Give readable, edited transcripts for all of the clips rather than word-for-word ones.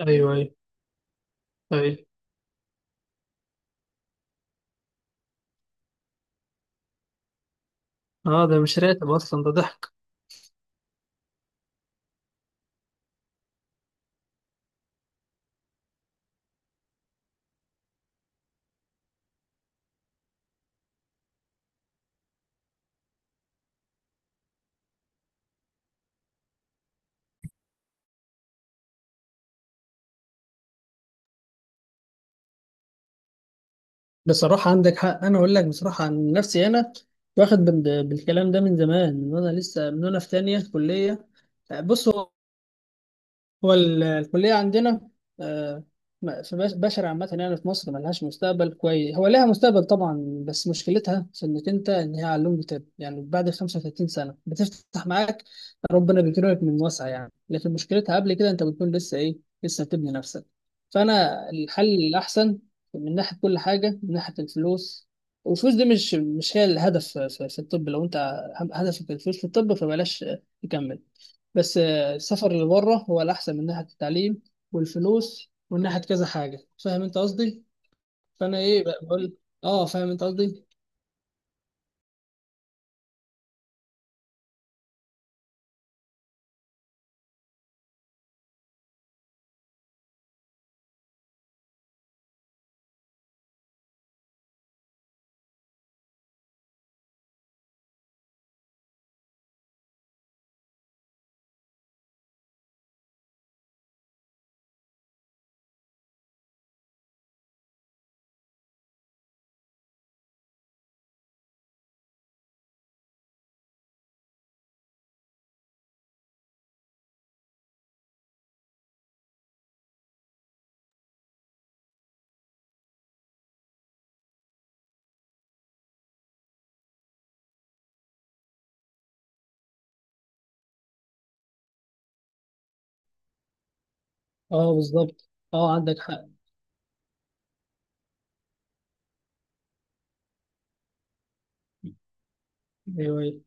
ايوه، ايوه، ايوه، اه، ده مش راتب اصلا، ده ضحك. بصراحة عندك حق، أنا أقول لك بصراحة عن نفسي. أنا واخد بالكلام ده من زمان، من وأنا لسه من وأنا في تانية كلية. بص، هو الكلية عندنا، آه، في بشر عامة، يعني في مصر ملهاش مستقبل كويس. هو لها مستقبل طبعا، بس مشكلتها في إنك أنت، إن هي علوم جداب يعني بعد 35 سنة بتفتح معاك. ربنا بيكرمك من واسع يعني، لكن مشكلتها قبل كده أنت بتكون لسه إيه؟ لسه بتبني نفسك. فأنا الحل الأحسن من ناحية كل حاجة، من ناحية الفلوس. والفلوس دي مش هي الهدف في الطب. لو أنت هدفك الفلوس في الطب فبلاش تكمل. بس السفر اللي بره هو الأحسن من ناحية التعليم والفلوس ومن ناحية كذا حاجة. فاهم أنت قصدي؟ فأنا إيه بقى بقول؟ أه، فاهم أنت قصدي؟ أه، بالظبط. أه، عندك حق. أيوه، أيوه.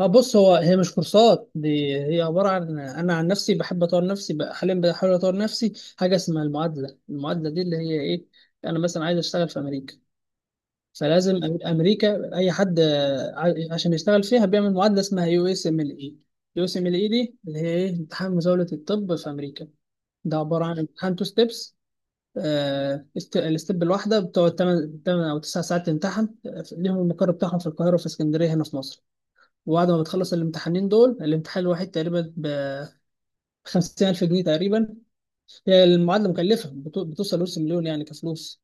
أه، بص، هو هي مش كورسات دي، هي عبارة عن أنا عن نفسي بحب أطور نفسي. بقى حاليا بحاول أطور نفسي حاجة اسمها المعادلة. المعادلة دي اللي هي إيه؟ أنا مثلا عايز أشتغل في أمريكا. فلازم امريكا، اي حد عشان يشتغل فيها بيعمل معادله اسمها يو اس ام ال اي. يو اس ام ال اي دي اللي هي ايه؟ امتحان مزاوله الطب في امريكا. ده عباره عن امتحان تو ستيبس. الستيب الواحده بتقعد 8 او 9 ساعات تمتحن. ليهم المقر بتاعهم في القاهره وفي اسكندريه هنا في مصر. وبعد ما بتخلص الامتحانين دول، الامتحان الواحد تقريبا ب 50,000 جنيه تقريبا. هي المعادله مكلفه، بتوصل نص مليون يعني كفلوس.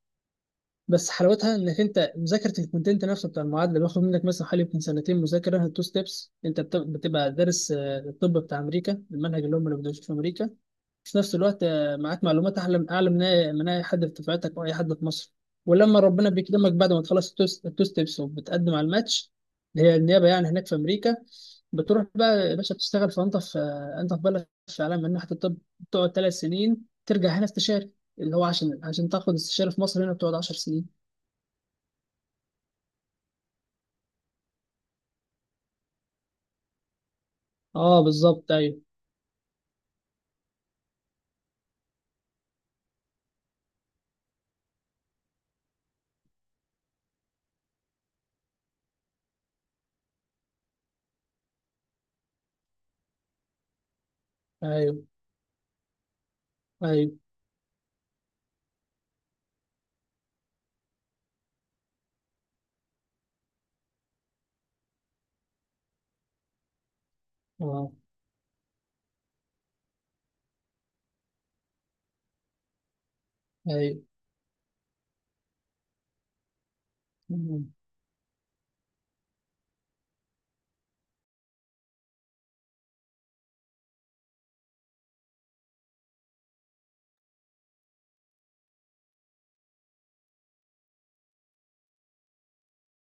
بس حلاوتها انك انت مذاكره الكونتنت نفسه بتاع المعادله بياخد منك مثلا حوالي يمكن سنتين. مذاكره تو ستيبس انت بتبقى دارس الطب بتاع امريكا، المنهج اللي هم اللي بيدرسوه في امريكا. في نفس الوقت معاك معلومات اعلى اعلى من اي من أي حد في دفعتك او اي حد في مصر. ولما ربنا بيكرمك بعد ما تخلص التو ستيبس وبتقدم على الماتش، اللي هي النيابه يعني هناك في امريكا، بتروح بقى يا باشا بتشتغل في انت في انت في بلد في عالم من ناحيه الطب. بتقعد 3 سنين ترجع هنا استشاري. اللي هو عشان تاخد استشاري في مصر هنا بتقعد 10 سنين. اه، بالظبط. ايوه، ايوه، ايوه، اه، ايوه. مم.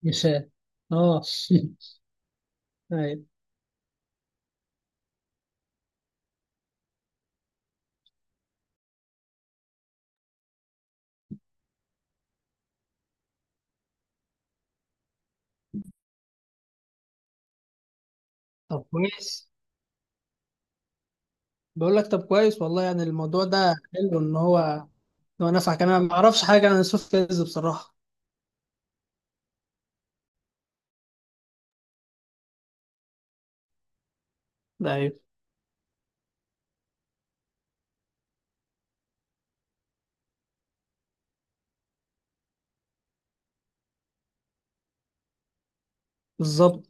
مثال. اه. ايوه. طب كويس. بقول لك طب كويس والله، يعني الموضوع ده حلو، ان هو نفعك. انا ما اعرفش حاجه عن السوفت ويرز بصراحه. ده ايوه، بالظبط.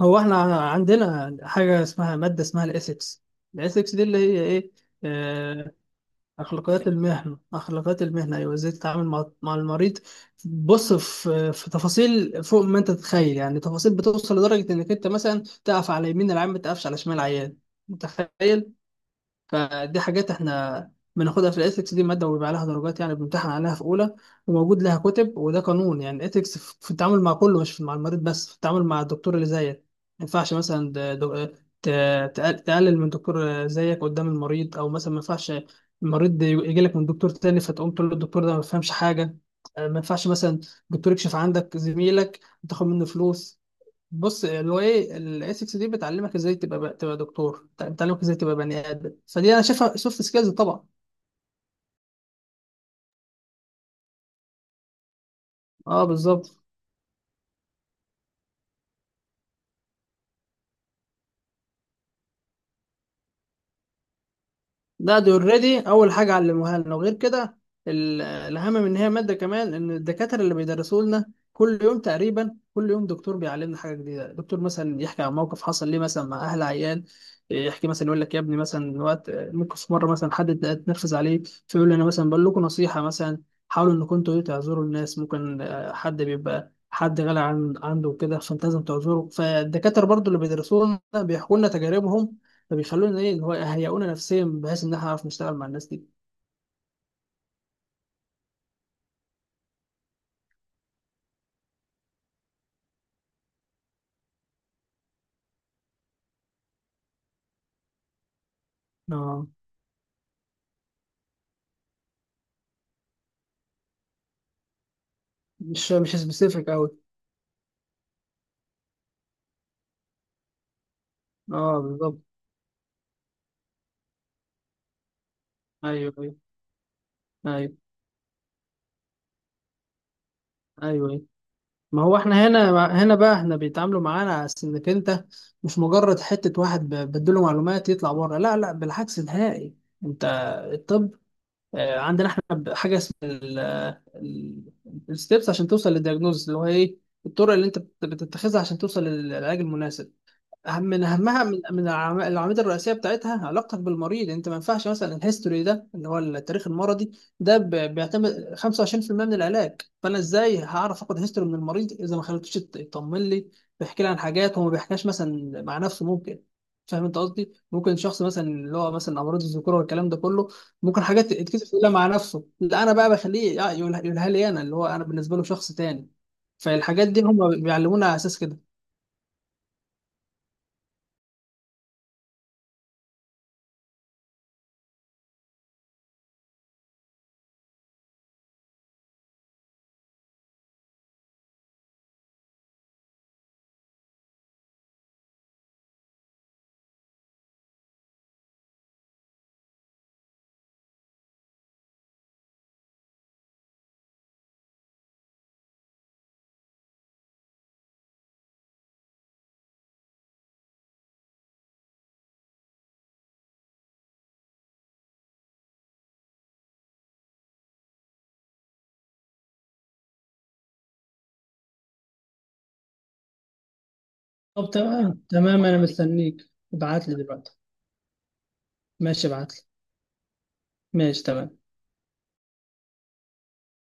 هو احنا عندنا حاجه اسمها ماده اسمها الاثكس. الاثكس دي اللي هي ايه؟ آه، أخلاقيات المهنة. أخلاقيات المهنة، أيوة. إزاي تتعامل مع المريض؟ بص، في تفاصيل فوق ما أنت تتخيل، يعني تفاصيل بتوصل لدرجة إنك أنت مثلا تقف على يمين العيان، ما تقفش على شمال العيان. متخيل؟ فدي حاجات احنا بناخدها في الإثكس، دي مادة وبيبقى عليها درجات، يعني بنمتحن عليها في أولى وموجود لها كتب، وده قانون يعني الإثكس في التعامل مع كله، مش مع المريض بس، في التعامل مع الدكتور اللي زيك. ما ينفعش مثلا تقلل من دكتور زيك قدام المريض، أو مثلا ما ينفعش المريض يجي لك من دكتور تاني فتقوم تقول له الدكتور ده ما بيفهمش حاجة. ما ينفعش مثلا دكتور يكشف عندك زميلك وتاخد منه فلوس. بص، هو ايه الاي 6 دي؟ بتعلمك ازاي تبقى دكتور، بتعلمك ازاي تبقى بني ادم. فدي انا شايفها سوفت سكيلز طبعا. اه، بالظبط. ده دي اوريدي اول حاجه علموها لنا. وغير كده الاهم من هي ماده كمان ان الدكاتره اللي بيدرسوا لنا كل يوم تقريبا، كل يوم دكتور بيعلمنا حاجه جديده. دكتور مثلا يحكي عن موقف حصل ليه مثلا مع اهل عيان، يحكي مثلا يقول لك يا ابني مثلا وقت ممكن في مره مثلا حد اتنرفز عليه فيقول لي، انا مثلا بقول لكم نصيحه مثلا حاولوا انكم انتوا إيه، تعذروا الناس ممكن حد بيبقى حد غالي عن عنده كده فانت لازم تعذره. فالدكاتره برضو اللي بيدرسوا لنا بيحكوا لنا تجاربهم، فبيخلونا ايه اللي هو يهيئونا نفسيا بحيث ان احنا نعرف نشتغل مع الناس دي. اه، مش سبيسيفيك قوي. اه، بالظبط. ايوه، ايوه، ايوه، ايوه، ايوه. ما هو احنا هنا، بقى احنا بيتعاملوا معانا على أساس انك انت مش مجرد حته واحد بديله معلومات يطلع بره. لا، لا، بالعكس نهائي. انت الطب عندنا احنا حاجه اسمها الستبس عشان توصل للدياجنوز. اللي هو ايه؟ الطرق اللي انت بتتخذها عشان توصل للعلاج المناسب. أهم من أهمها من العواميد الرئيسية بتاعتها علاقتك بالمريض. أنت ما ينفعش مثلا الهيستوري ده اللي هو التاريخ المرضي ده بيعتمد 25% من العلاج. فأنا إزاي هعرف آخد هيستوري من المريض إذا ما خليتوش يطمن لي، بيحكي لي عن حاجات هو ما بيحكيهاش مثلا مع نفسه ممكن. فاهم أنت قصدي؟ ممكن شخص مثلا اللي هو مثلا أمراض الذكورة والكلام ده كله ممكن حاجات يتكتب يقولها مع نفسه، لا أنا بقى بخليه يقولها، يقولها لي أنا، اللي هو أنا بالنسبة له شخص تاني. فالحاجات دي هم بيعلمونا على أساس كده. طب تمام، تمام، انا مستنيك ابعت لي دلوقتي. ماشي، ابعت لي. ماشي تمام.